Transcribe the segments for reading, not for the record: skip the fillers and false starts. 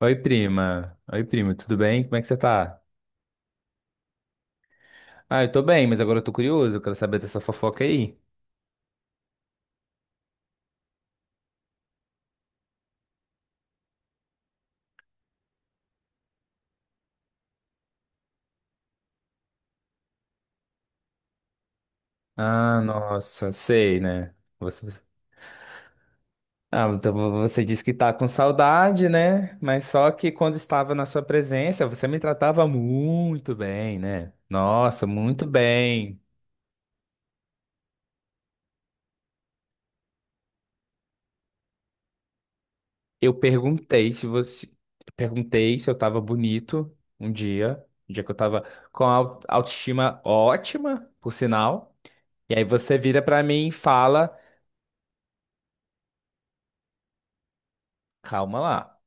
Oi, prima. Oi, primo, tudo bem? Como é que você tá? Ah, eu tô bem, mas agora eu tô curioso, eu quero saber dessa fofoca aí. Ah, nossa, sei, né? Você... Ah, então você disse que tá com saudade, né? Mas só que quando estava na sua presença, você me tratava muito bem, né? Nossa, muito bem. Eu perguntei se você. Perguntei se eu tava bonito um dia que eu tava com a autoestima ótima, por sinal. E aí você vira pra mim e fala. Calma lá,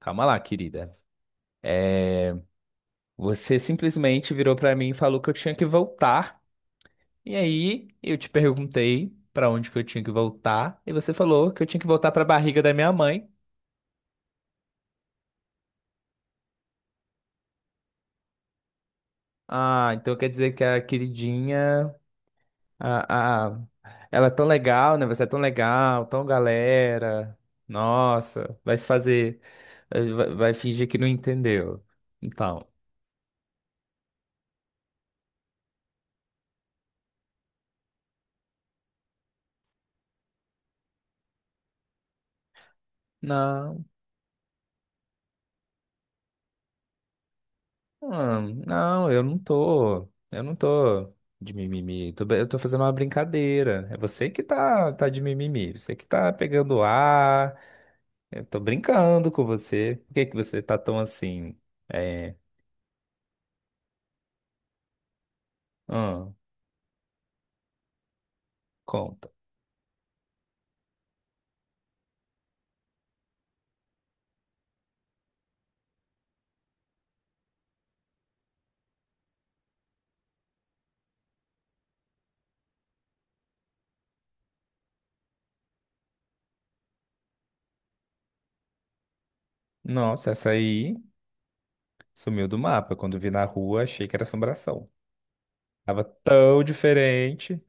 calma lá, querida. É, você simplesmente virou pra mim e falou que eu tinha que voltar. E aí eu te perguntei pra onde que eu tinha que voltar e você falou que eu tinha que voltar pra barriga da minha mãe. Ah, então quer dizer que a queridinha, a, a, ela é tão legal, né? Você é tão legal, tão galera. Nossa, vai se fazer, vai fingir que não entendeu. Então, não. Ah, não, eu não tô. Eu não tô de mimimi. Eu tô fazendo uma brincadeira. É você que tá, tá de mimimi. Você que tá pegando ar. Eu tô brincando com você. Por que que você tá tão assim? É. Ah, conta. Nossa, essa aí sumiu do mapa. Quando vi na rua, achei que era assombração. Tava tão diferente.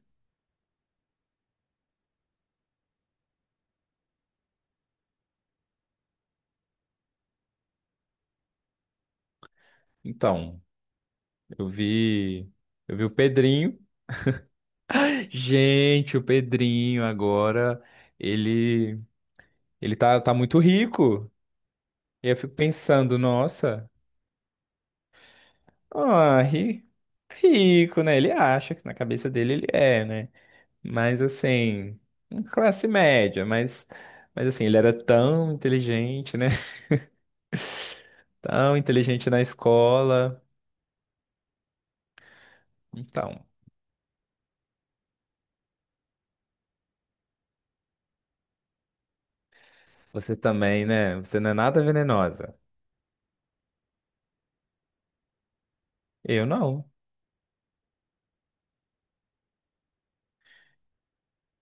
Então, eu vi. Eu vi o Pedrinho. Gente, o Pedrinho agora. Ele. Ele tá, tá muito rico. E eu fico pensando, nossa, ah, ri- rico, né? Ele acha que na cabeça dele ele é, né? Mas assim, classe média, mas assim, ele era tão inteligente, né? Tão inteligente na escola. Então, você também, né? Você não é nada venenosa. Eu não.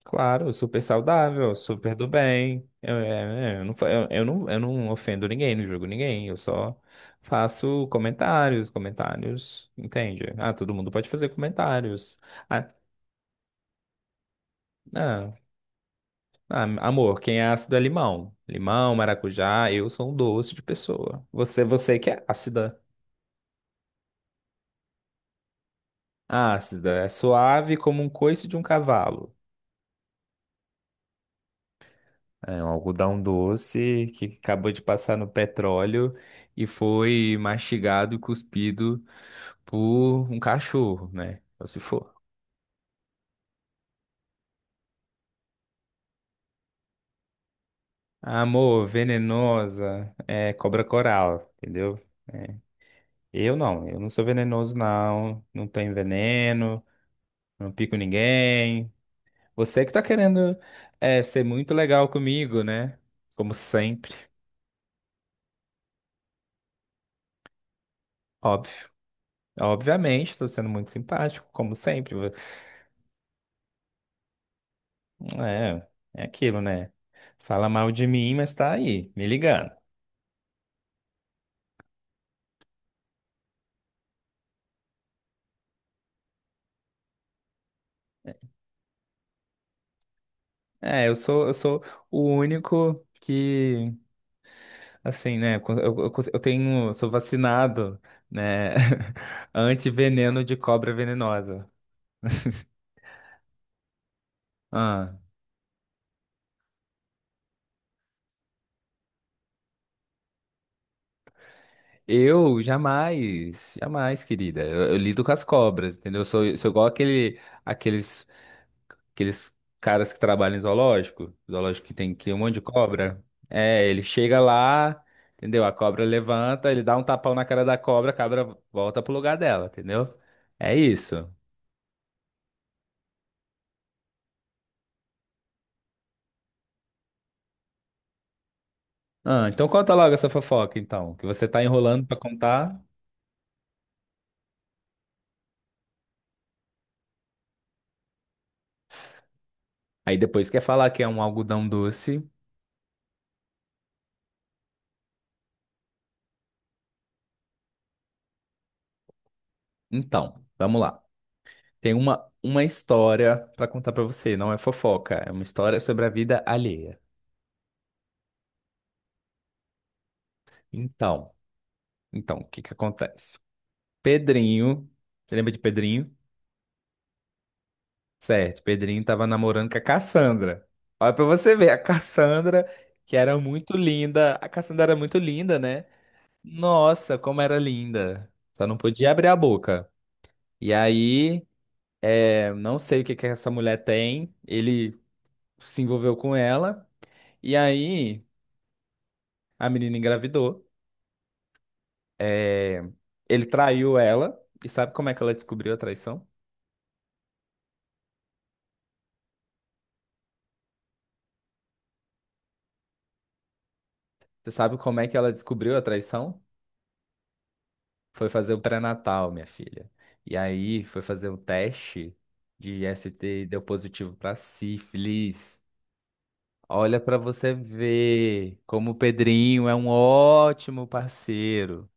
Claro, super saudável, super do bem. Eu, é, é, eu não, eu, eu não ofendo ninguém, não julgo ninguém. Eu só faço comentários, comentários, entende? Ah, todo mundo pode fazer comentários. Ah, ah, ah, amor, quem é ácido é limão. Limão, maracujá, eu sou um doce de pessoa. Você que é ácida. Ácida, é suave como um coice de um cavalo. É um algodão doce que acabou de passar no petróleo e foi mastigado e cuspido por um cachorro, né? Ou se for. Amor, venenosa, é cobra coral, entendeu? É. Eu não sou venenoso, não. Não tenho veneno, não pico ninguém. Você que tá querendo é, ser muito legal comigo, né? Como sempre, óbvio. Obviamente, tô sendo muito simpático, como sempre. É, é aquilo, né? Fala mal de mim, mas tá aí, me ligando. É, eu sou o único que, assim, né? Eu, eu tenho, eu sou vacinado, né? Antiveneno de cobra venenosa. Ah, eu jamais, jamais, querida. Eu lido com as cobras, entendeu? Sou igual aquele, aqueles aqueles caras que trabalham em zoológico, que tem que um monte de cobra. É, ele chega lá, entendeu? A cobra levanta, ele dá um tapão na cara da cobra, a cobra volta pro lugar dela, entendeu? É isso. Ah, então conta logo essa fofoca, então, que você tá enrolando pra contar. Aí depois quer falar que é um algodão doce. Então, vamos lá. Tem uma história pra contar pra você, não é fofoca, é uma história sobre a vida alheia. Então, então, o que que acontece? Pedrinho, você lembra de Pedrinho? Certo, Pedrinho tava namorando com a Cassandra. Olha pra você ver, a Cassandra, que era muito linda. A Cassandra era muito linda, né? Nossa, como era linda. Só não podia abrir a boca. E aí, é, não sei o que que essa mulher tem. Ele se envolveu com ela. E aí, a menina engravidou. É, ele traiu ela. E sabe como é que ela descobriu a traição? Você sabe como é que ela descobriu a traição? Foi fazer o pré-natal, minha filha. E aí foi fazer um teste de ST e deu positivo para sífilis. Olha para você ver como o Pedrinho é um ótimo parceiro.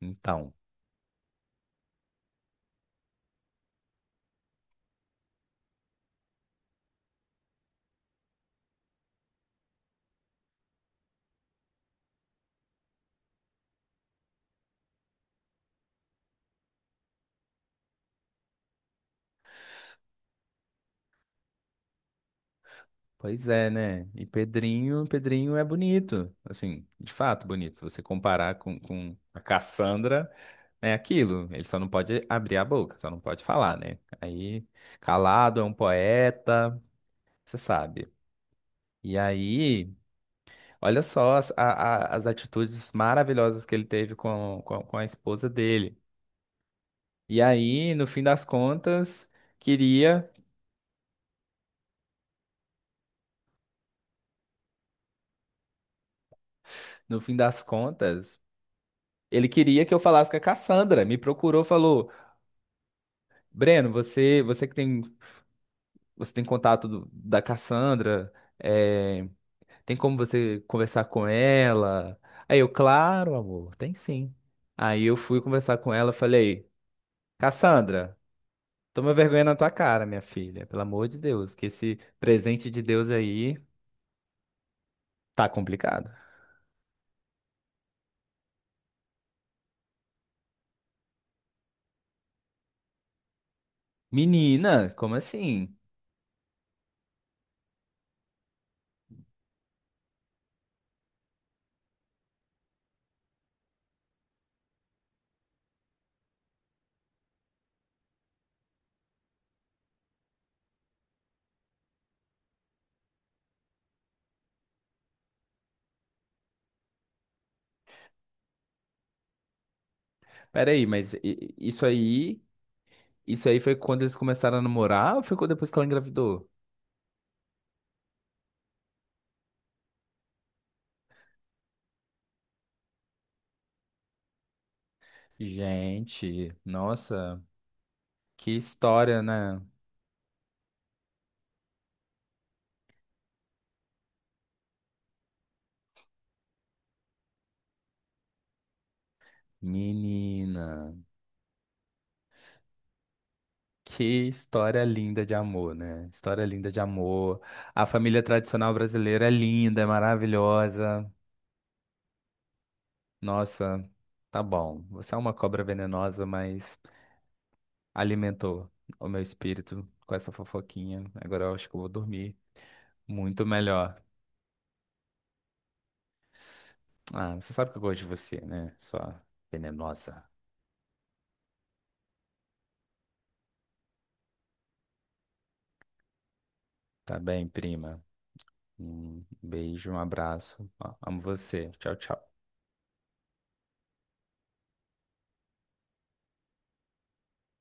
Então, pois é, né? E Pedrinho, Pedrinho é bonito. Assim, de fato bonito. Se você comparar com a Cassandra, é aquilo. Ele só não pode abrir a boca, só não pode falar, né? Aí, calado, é um poeta, você sabe. E aí. Olha só as atitudes maravilhosas que ele teve com a esposa dele. E aí, no fim das contas, queria, no fim das contas, ele queria que eu falasse com a Cassandra. Me procurou, falou: Breno, você que tem, você tem contato da Cassandra, é, tem como você conversar com ela? Aí eu, claro, amor, tem sim. Aí eu fui conversar com ela, falei: Cassandra. Toma vergonha na tua cara, minha filha. Pelo amor de Deus, que esse presente de Deus aí tá complicado. Menina, como assim? Pera aí, mas isso aí foi quando eles começaram a namorar ou foi quando- depois que ela engravidou? Gente, nossa, que história, né? Menina, que história linda de amor, né? História linda de amor. A família tradicional brasileira é linda, é maravilhosa. Nossa, tá bom. Você é uma cobra venenosa, mas alimentou o meu espírito com essa fofoquinha. Agora eu acho que eu vou dormir muito melhor. Ah, você sabe que eu gosto de você, né? Sua venenosa. Tá bem, prima? Um beijo, um abraço. Ó, amo você. Tchau, tchau.